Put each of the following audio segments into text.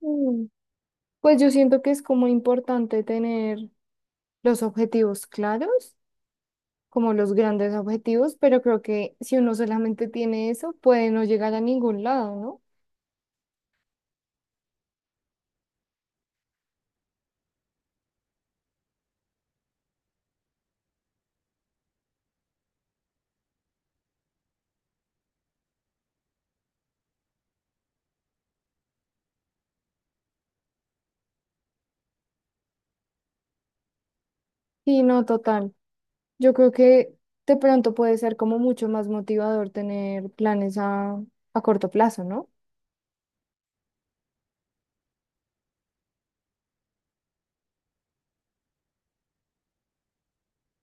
Mm, Pues yo siento que es como importante tener los objetivos claros, como los grandes objetivos, pero creo que si uno solamente tiene eso, puede no llegar a ningún lado, ¿no? Sí, no, total. Yo creo que de pronto puede ser como mucho más motivador tener planes a corto plazo, ¿no?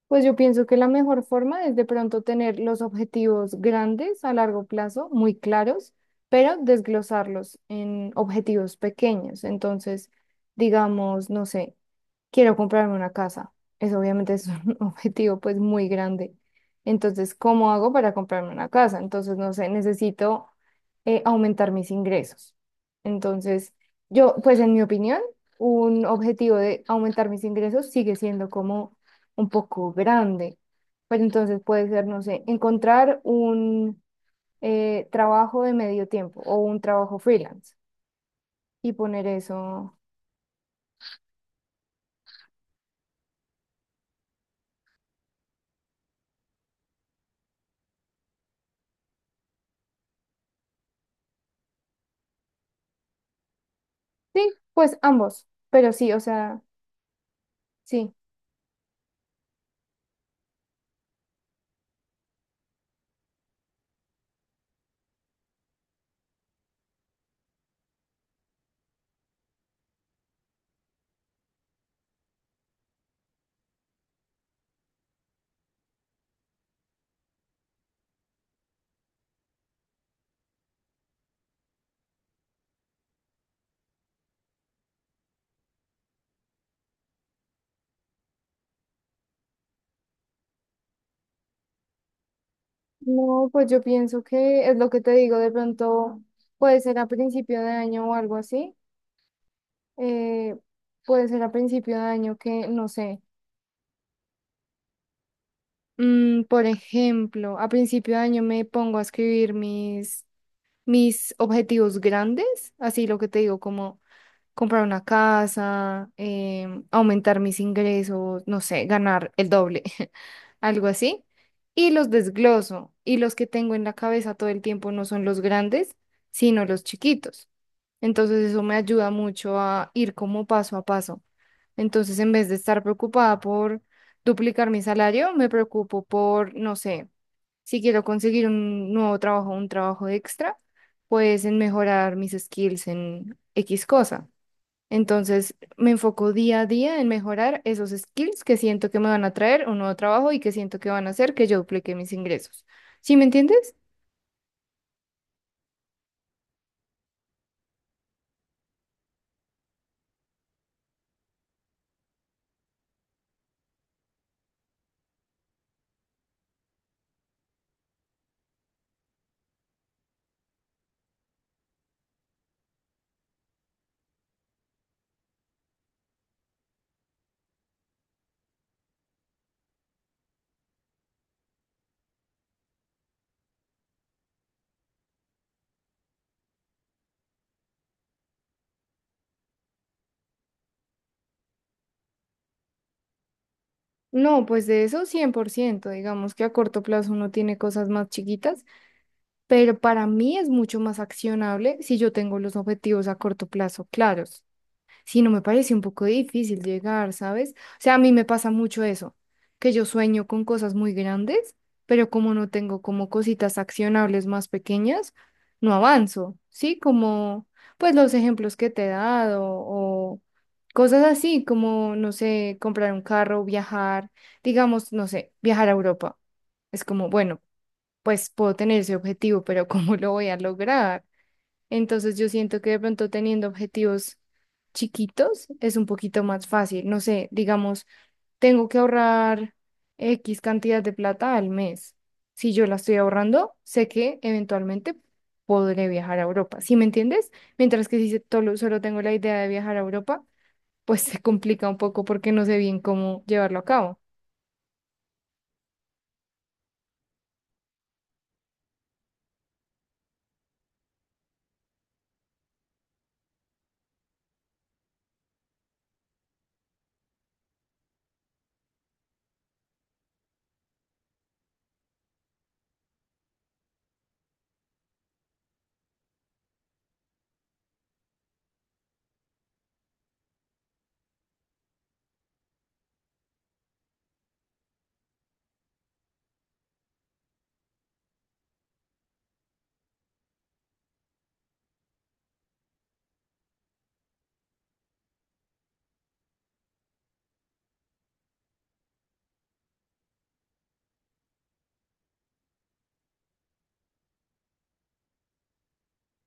Pues yo pienso que la mejor forma es de pronto tener los objetivos grandes a largo plazo, muy claros, pero desglosarlos en objetivos pequeños. Entonces, digamos, no sé quiero comprarme una casa. Eso obviamente es un objetivo pues muy grande. Entonces, ¿cómo hago para comprarme una casa? Entonces, no sé, necesito aumentar mis ingresos. Entonces, yo, pues en mi opinión, un objetivo de aumentar mis ingresos sigue siendo como un poco grande. Pero entonces puede ser, no sé, encontrar un trabajo de medio tiempo o un trabajo freelance y poner eso. Sí, pues ambos. Pero sí, o sea, sí. No, pues yo pienso que es lo que te digo, de pronto puede ser a principio de año o algo así, eh, puede ser a principio de año que, no sé, por ejemplo, a principio de año me pongo a escribir mis objetivos grandes, así lo que te digo, como comprar una casa, aumentar mis ingresos, no sé, ganar el doble, algo así. Y los desgloso. Y los que tengo en la cabeza todo el tiempo no son los grandes, sino los chiquitos. Entonces eso me ayuda mucho a ir como paso a paso. Entonces en vez de estar preocupada por duplicar mi salario, me preocupo por, no sé, si quiero conseguir un nuevo trabajo, un trabajo extra, pues en mejorar mis skills en X cosa. Entonces, me enfoco día a día en mejorar esos skills que siento que me van a traer un nuevo trabajo y que siento que van a hacer que yo duplique mis ingresos. ¿Sí me entiendes? No, pues de eso 100%. Digamos que a corto plazo uno tiene cosas más chiquitas, pero para mí es mucho más accionable si yo tengo los objetivos a corto plazo claros. Sí, no me parece un poco difícil llegar, ¿sabes? O sea, a mí me pasa mucho eso, que yo sueño con cosas muy grandes, pero como no tengo como cositas accionables más pequeñas, no avanzo, ¿sí? Como, pues los ejemplos que te he dado o cosas así, como, no sé, comprar un carro, viajar, digamos, no sé, viajar a Europa. Es como, bueno, pues puedo tener ese objetivo, pero ¿cómo lo voy a lograr? Entonces yo siento que de pronto teniendo objetivos chiquitos es un poquito más fácil. No sé, digamos, tengo que ahorrar X cantidad de plata al mes. Si yo la estoy ahorrando, sé que eventualmente podré viajar a Europa. ¿Sí me entiendes? Mientras que si solo tengo la idea de viajar a Europa, pues se complica un poco porque no sé bien cómo llevarlo a cabo.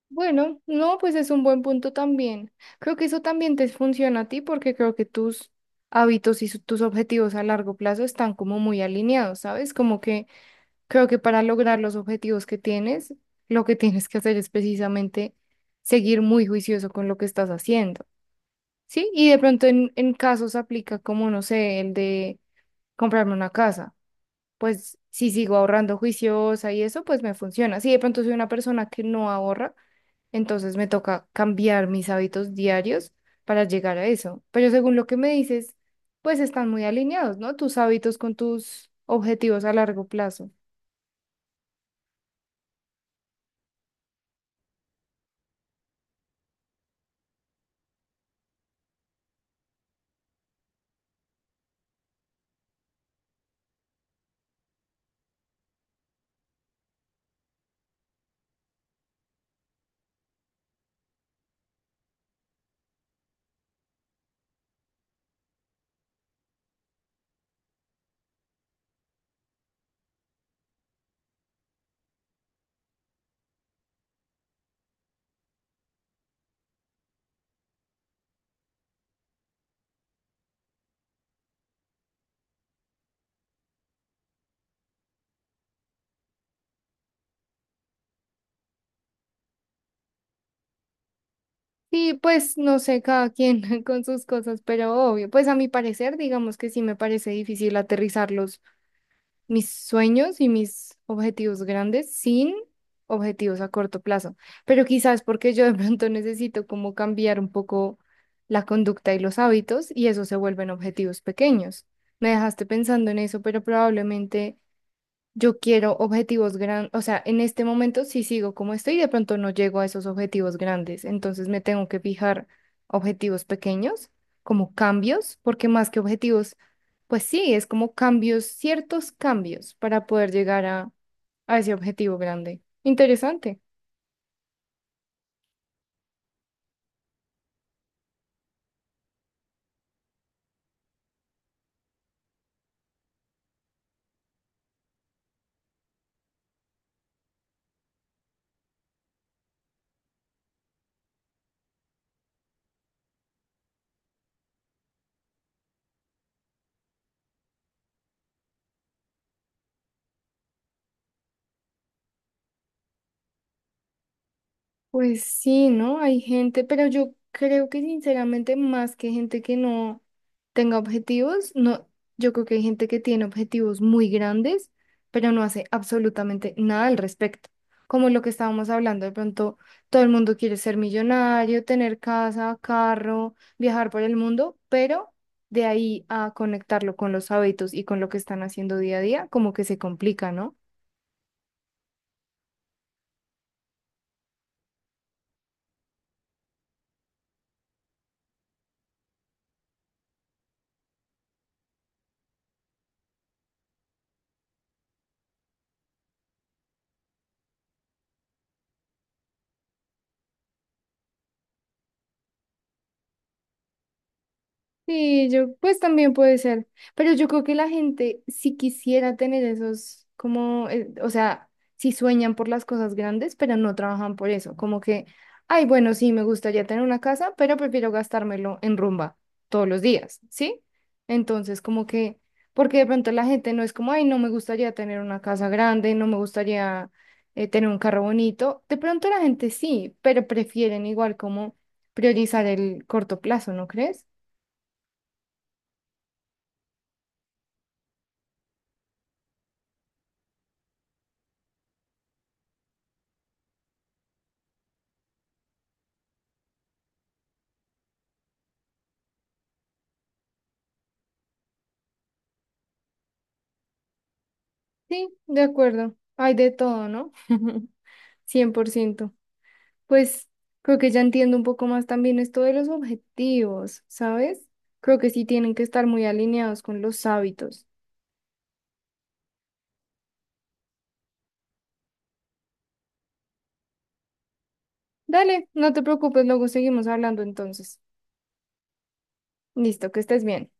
Bueno, no, pues es un buen punto también. Creo que eso también te funciona a ti porque creo que tus hábitos y tus objetivos a largo plazo están como muy alineados, ¿sabes? Como que creo que para lograr los objetivos que tienes, lo que tienes que hacer es precisamente seguir muy juicioso con lo que estás haciendo, ¿sí? Y de pronto en casos aplica como, no sé, el de comprarme una casa. Pues si sigo ahorrando juiciosa y eso, pues me funciona. Si de pronto soy una persona que no ahorra entonces me toca cambiar mis hábitos diarios para llegar a eso. Pero según lo que me dices, pues están muy alineados, ¿no? Tus hábitos con tus objetivos a largo plazo. Y pues no sé, cada quien con sus cosas, pero obvio, pues a mi parecer, digamos que sí me parece difícil aterrizarlos mis sueños y mis objetivos grandes sin objetivos a corto plazo. Pero quizás porque yo de pronto necesito como cambiar un poco la conducta y los hábitos y eso se vuelven objetivos pequeños. Me dejaste pensando en eso, pero probablemente yo quiero objetivos grandes, o sea, en este momento si sigo como estoy, de pronto no llego a esos objetivos grandes, entonces me tengo que fijar objetivos pequeños, como cambios, porque más que objetivos, pues sí, es como cambios, ciertos cambios para poder llegar a ese objetivo grande. Interesante. Pues sí, ¿no? Hay gente, pero yo creo que sinceramente más que gente que no tenga objetivos, no, yo creo que hay gente que tiene objetivos muy grandes, pero no hace absolutamente nada al respecto. Como lo que estábamos hablando, de pronto todo el mundo quiere ser millonario, tener casa, carro, viajar por el mundo, pero de ahí a conectarlo con los hábitos y con lo que están haciendo día a día, como que se complica, ¿no? Sí, yo, pues también puede ser, pero yo creo que la gente si quisiera tener esos, como, o sea, si sueñan por las cosas grandes, pero no trabajan por eso, como que, ay, bueno, sí, me gustaría tener una casa, pero prefiero gastármelo en rumba todos los días, ¿sí? Entonces, como que, porque de pronto la gente no es como, ay, no me gustaría tener una casa grande, no me gustaría tener un carro bonito, de pronto la gente sí, pero prefieren igual como priorizar el corto plazo, ¿no crees? Sí, de acuerdo. Hay de todo, ¿no? 100%. Pues creo que ya entiendo un poco más también esto de los objetivos, ¿sabes? Creo que sí tienen que estar muy alineados con los hábitos. Dale, no te preocupes, luego seguimos hablando entonces. Listo, que estés bien.